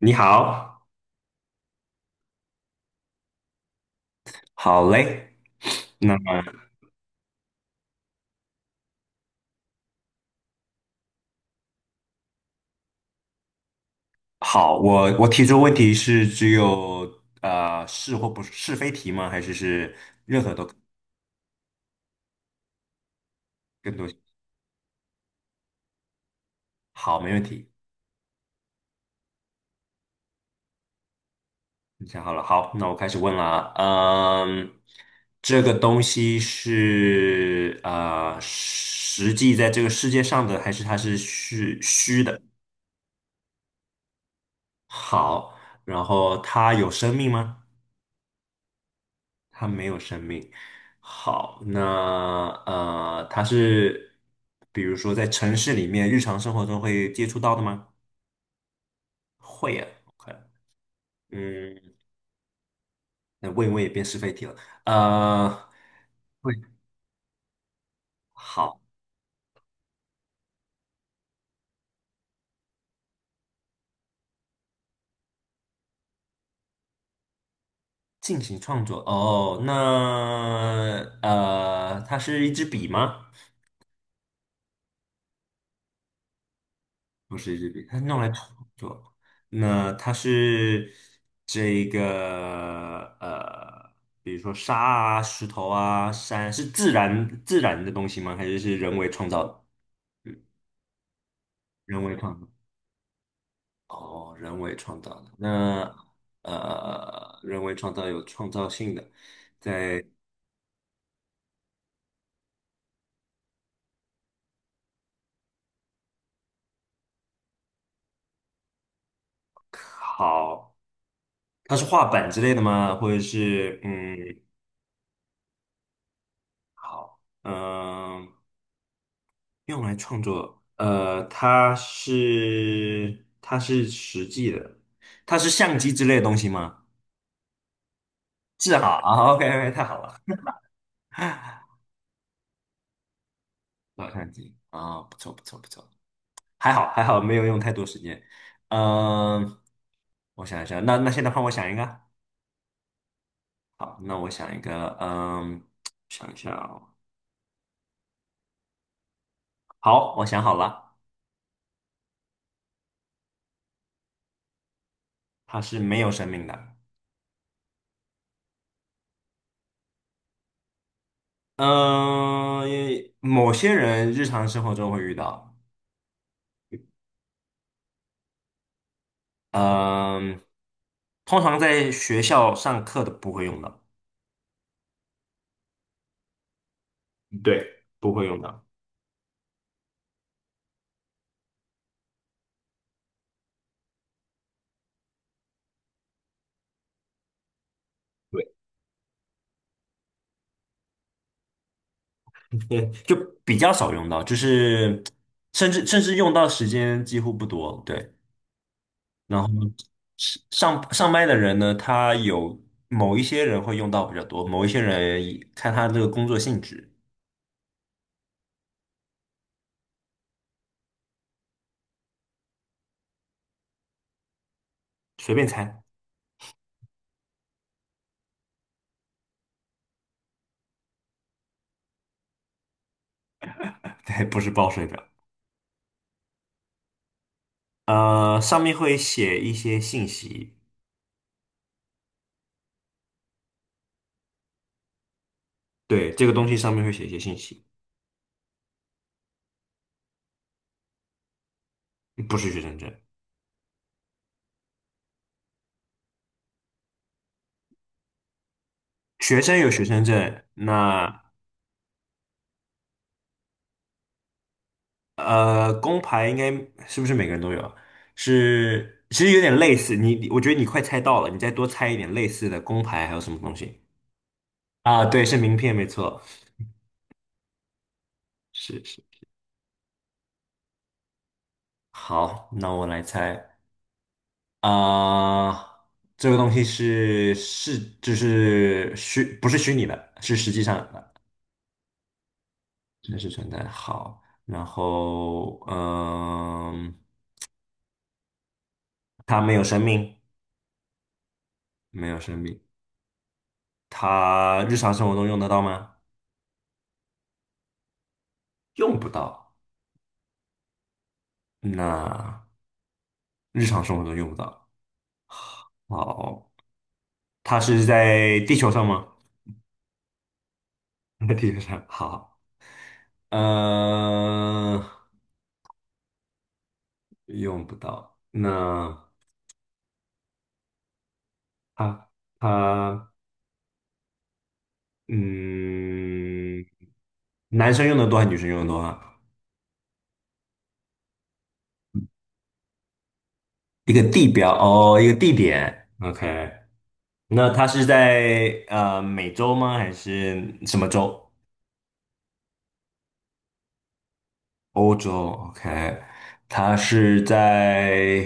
你好，好嘞。那么好，我提出问题是只有是或不是是非题吗？还是任何都更多？好，没问题。你想好了，好，那我开始问了啊。嗯，这个东西是实际在这个世界上的，还是它是虚虚的？好，然后它有生命吗？它没有生命。好，那它是比如说在城市里面日常生活中会接触到的吗？会啊，OK，嗯，那问一问也变是非题了。呃，会，好，进行创作。哦，那它是一支笔吗？不是日币，它是用来创作。那它是这个呃，比如说沙啊、石头啊、山，是自然的东西吗？还是人为创造的？人为创造。哦，人为创造的。那人为创造有创造性的，在好，它是画板之类的吗？或者是好，用来创作，它是实际的，它是相机之类的东西吗？是好啊，OK OK,太好了，照相机啊，不错不错不错，还好还好，没有用太多时间。嗯，我想一下，那现在换我想一个，好，那我想一个，想一下哦，好，我想好了，它是没有生命的，嗯，某些人日常生活中会遇到。嗯，通常在学校上课的不会用到，对不会用到，对，对，就比较少用到，就是甚至用到时间几乎不多，对。然后上班的人呢，他有某一些人会用到比较多，某一些人以看他这个工作性质，随便猜，对，不是报税表，上面会写一些信息，对，这个东西上面会写一些信息，不是学生证。学生有学生证，那工牌应该是不是每个人都有啊？是，其实有点类似。我觉得你快猜到了，你再多猜一点类似的工牌还有什么东西啊？对，是名片，没错，是是。好，那我来猜啊，这个东西是就是虚，不是虚拟的，是实际上的，真实存在好，然后它没有生命，没有生命。它日常生活中用得到吗？用不到。那日常生活中用不到。好，它是在地球上吗？在地球上。好，呃，用不到。那它它嗯，男生用的多还是女生用的多啊？一个地标哦，一个地点。OK，那它是在美洲吗？还是什么洲？欧洲，OK，它是在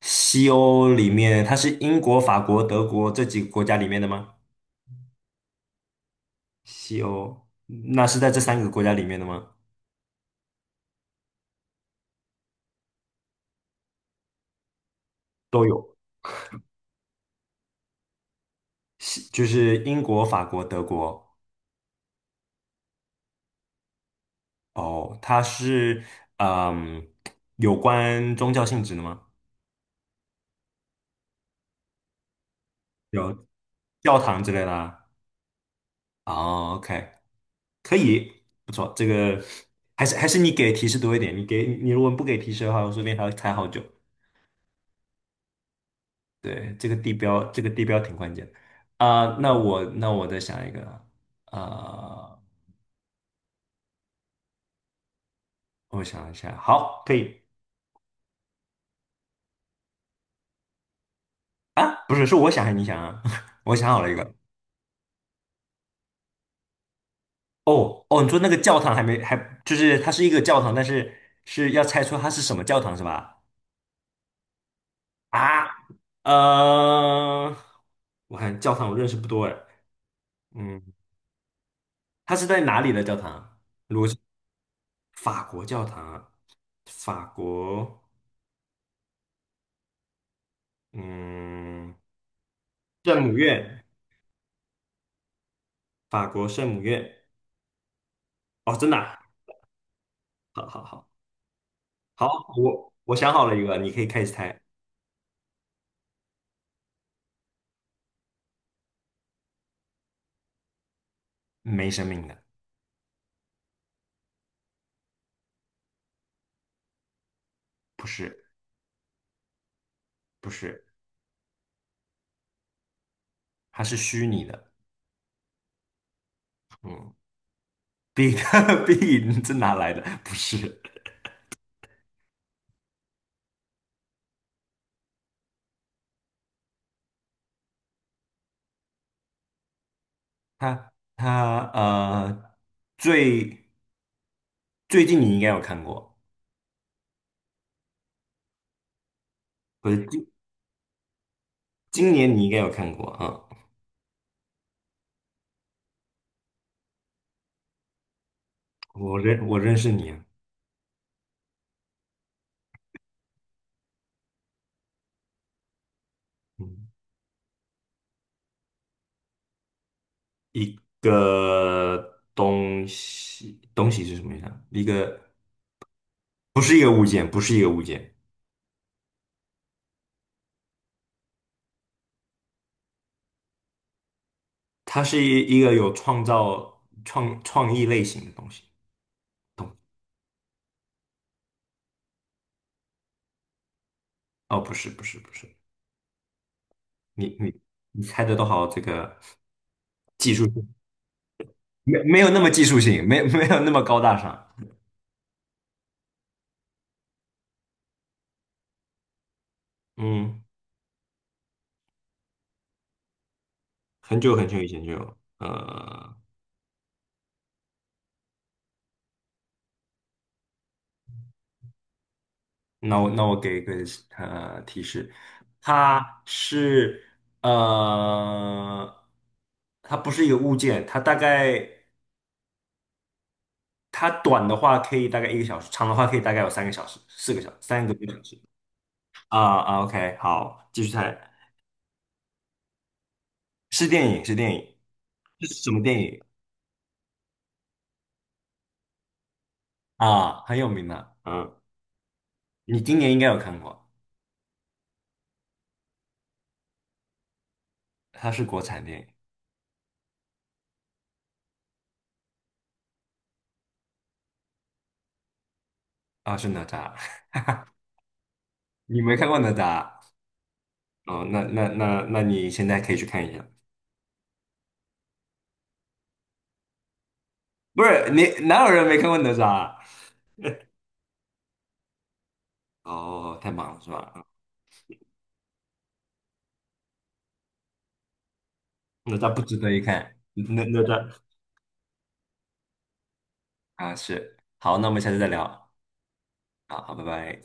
西欧里面，它是英国、法国、德国这几个国家里面的吗？西欧，那是在这三个国家里面的吗？都有，西就是英国、法国、德国。哦，它是嗯，有关宗教性质的吗？有教堂之类的啊？o k 可以，不错，这个还是你给提示多一点，你如果不给提示的话，我说不定还要猜好久。对，这个地标，这个地标挺关键的啊、那我再想一个啊、我想一下，好，可以啊，不是，是我想还是你想啊？我想好了一个。哦哦，你说那个教堂还没还就是它是一个教堂，但是是要猜出它是什么教堂是吧？啊，呃，我看教堂我认识不多哎，嗯，它是在哪里的教堂？法国教堂啊，法国，嗯，圣母院。法国圣母院。哦，真的啊好好好好，我想好了一个，你可以开始猜。没生命的，不是不是，它是虚拟的。嗯，big big 这哪 来的？不是，它最最近你应该有看过，不是今年你应该有看过啊。嗯我认识你啊，嗯，一个东西东西是什么意思啊？不是一个物件，不是一个物件。它是一个有创造创创意类型的东西。哦，不是，不是，不是，你你你猜的都好，这个技术性没有那么技术性，没有那么高大上。嗯，很久很久以前就有。那我给一个提示，它是呃，它不是一个物件，它大概它短的话可以大概一个小时，长的话可以大概有3个小时、4个小时、3个多小时。啊啊，OK，好，继续猜，是电影，是电影，这是什么电影啊？很有名的，你今年应该有看过，它是国产电影啊，是哪吒，你没看过哪吒？哦，那你现在可以去看一下，不是你哪有人没看过哪吒啊哦，太忙了是吧？哪吒不值得一看，哪吒啊是，好，那我们下次再聊，啊，好，拜拜。